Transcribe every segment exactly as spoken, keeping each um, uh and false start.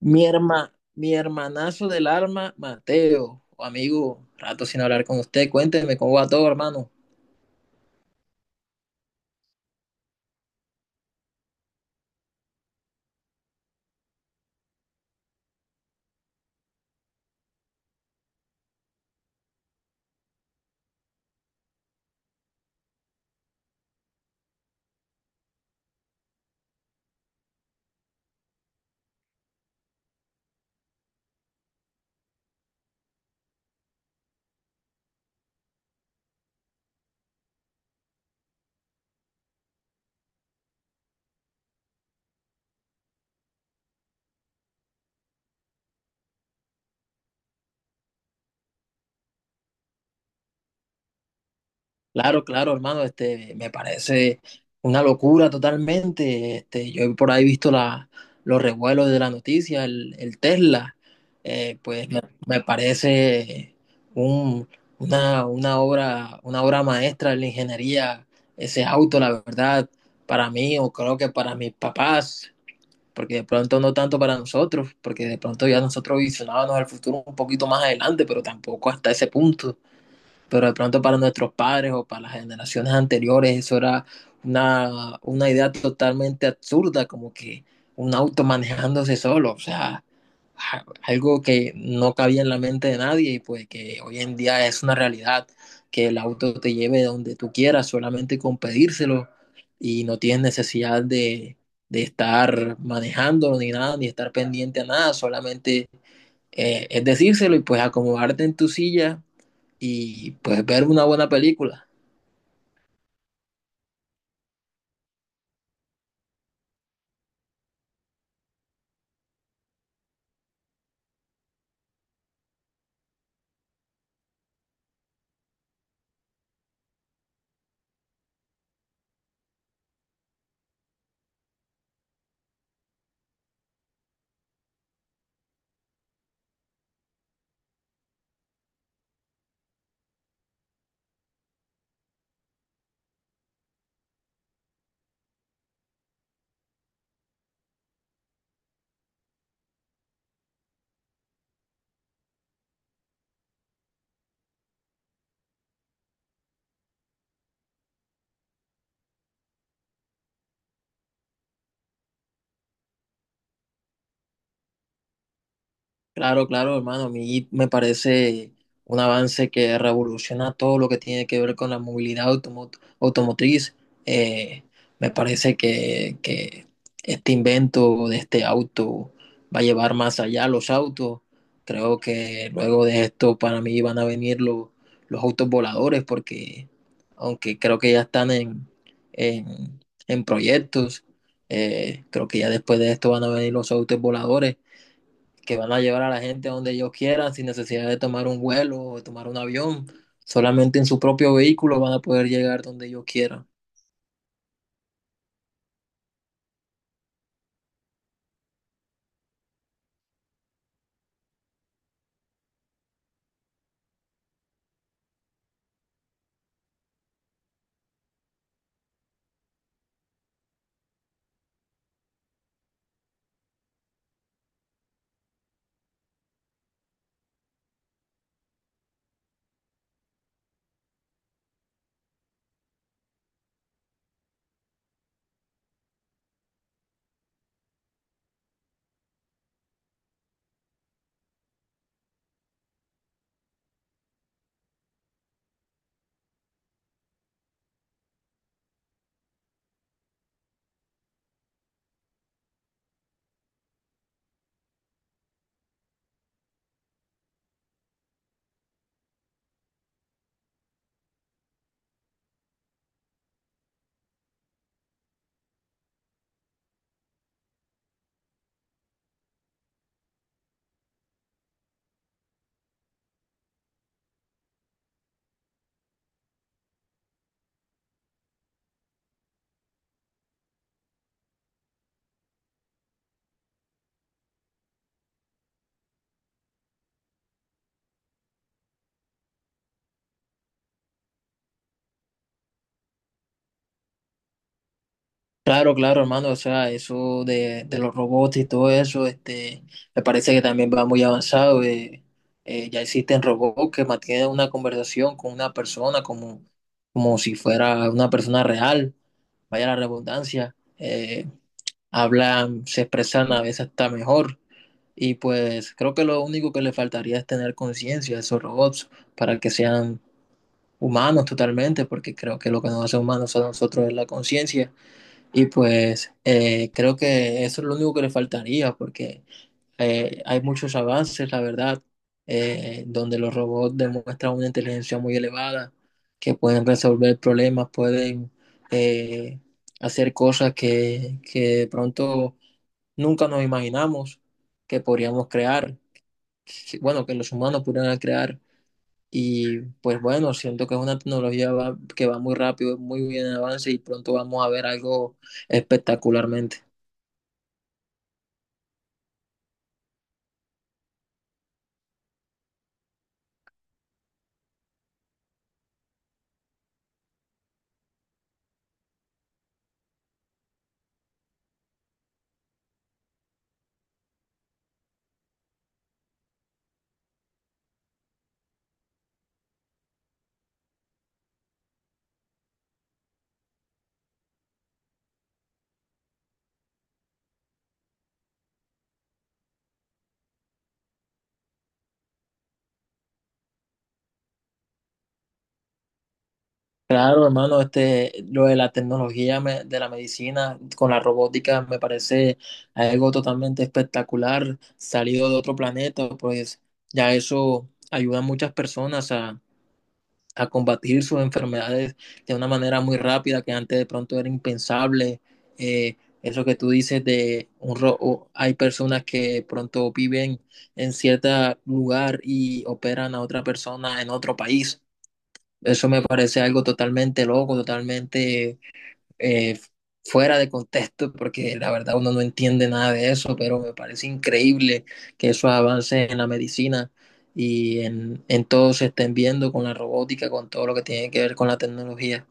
Mi herma, mi hermanazo del alma Mateo, o amigo, rato sin hablar con usted, cuénteme cómo va todo, hermano. Claro, claro, hermano, este, me parece una locura totalmente. Este, yo he por ahí visto la, los revuelos de la noticia, el, el Tesla, eh, pues me, me parece un, una, una obra, una obra maestra de la ingeniería, ese auto, la verdad, para mí, o creo que para mis papás, porque de pronto no tanto para nosotros, porque de pronto ya nosotros visionábamos el futuro un poquito más adelante, pero tampoco hasta ese punto, pero de pronto para nuestros padres o para las generaciones anteriores eso era una, una idea totalmente absurda, como que un auto manejándose solo, o sea, a- algo que no cabía en la mente de nadie y pues que hoy en día es una realidad, que el auto te lleve donde tú quieras solamente con pedírselo y no tienes necesidad de, de estar manejándolo ni nada, ni estar pendiente a nada, solamente eh, es decírselo y pues acomodarte en tu silla y pues ver una buena película. Claro, claro, hermano. A mí me parece un avance que revoluciona todo lo que tiene que ver con la movilidad automo- automotriz. Eh, Me parece que, que este invento de este auto va a llevar más allá los autos. Creo que luego de esto para mí van a venir los, los autos voladores porque aunque creo que ya están en, en, en proyectos, eh, creo que ya después de esto van a venir los autos voladores que van a llevar a la gente a donde ellos quieran sin necesidad de tomar un vuelo o de tomar un avión. Solamente en su propio vehículo van a poder llegar donde ellos quieran. Claro, claro, hermano, o sea, eso de, de los robots y todo eso, este, me parece que también va muy avanzado. Eh, eh, ya existen robots que mantienen una conversación con una persona como, como si fuera una persona real, vaya la redundancia. Eh, hablan, se expresan a veces hasta mejor. Y pues creo que lo único que le faltaría es tener conciencia de esos robots para que sean humanos totalmente, porque creo que lo que nos hace humanos a nosotros es la conciencia. Y pues eh, creo que eso es lo único que le faltaría, porque eh, hay muchos avances, la verdad, eh, donde los robots demuestran una inteligencia muy elevada, que pueden resolver problemas, pueden eh, hacer cosas que, que de pronto nunca nos imaginamos que podríamos crear que- bueno, que los humanos pudieran crear. Y pues bueno, siento que es una tecnología va- que va muy rápido, muy bien en avance y pronto vamos a ver algo espectacularmente. Claro, hermano, este, lo de la tecnología me- de la medicina con la robótica me parece algo totalmente espectacular, salido de otro planeta, pues ya eso ayuda a muchas personas a combatir sus enfermedades de una manera muy rápida que antes de pronto era impensable. Eh, Eso que tú dices de un ro hay personas que pronto viven en cierto lugar y operan a otra persona en otro país. Eso me parece algo totalmente loco, totalmente, eh, fuera de contexto, porque la verdad uno no entiende nada de eso, pero me parece increíble que esos avances en la medicina y en, en todo se estén viendo con la robótica, con todo lo que tiene que ver con la tecnología.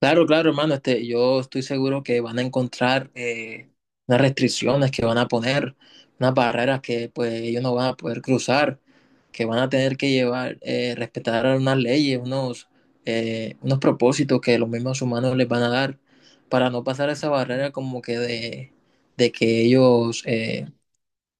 Claro, claro, hermano, este, yo estoy seguro que van a encontrar eh, unas restricciones que van a poner, unas barreras que pues ellos no van a poder cruzar, que van a tener que llevar, eh, respetar unas leyes, unos, eh, unos propósitos que los mismos humanos les van a dar para no pasar esa barrera como que de, de que ellos eh,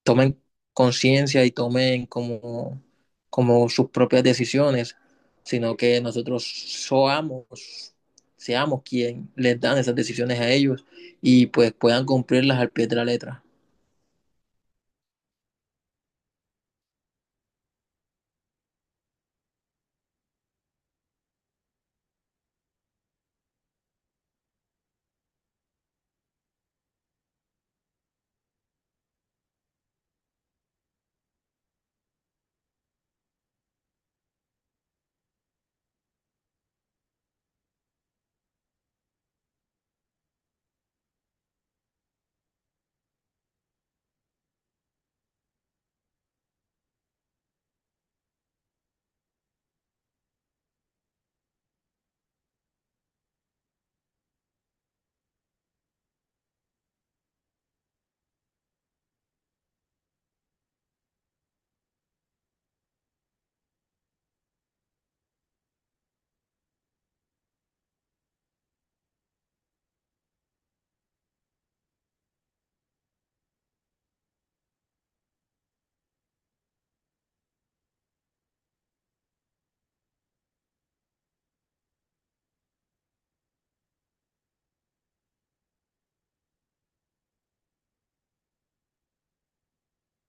tomen conciencia y tomen como, como sus propias decisiones, sino que nosotros soamos, seamos quien les dan esas decisiones a ellos y pues puedan cumplirlas al pie de la letra.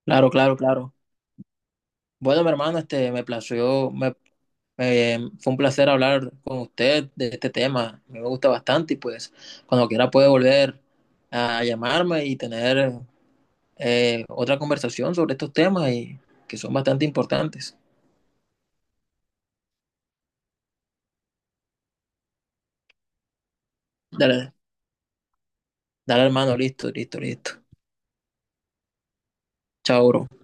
Claro, claro, claro. Bueno, mi hermano, este me plació, me, me- fue un placer hablar con usted de este tema. Me gusta bastante y pues cuando quiera puede volver a llamarme y tener eh, otra conversación sobre estos temas y que son bastante importantes. Dale, dale hermano, listo, listo, listo. Chao, bro.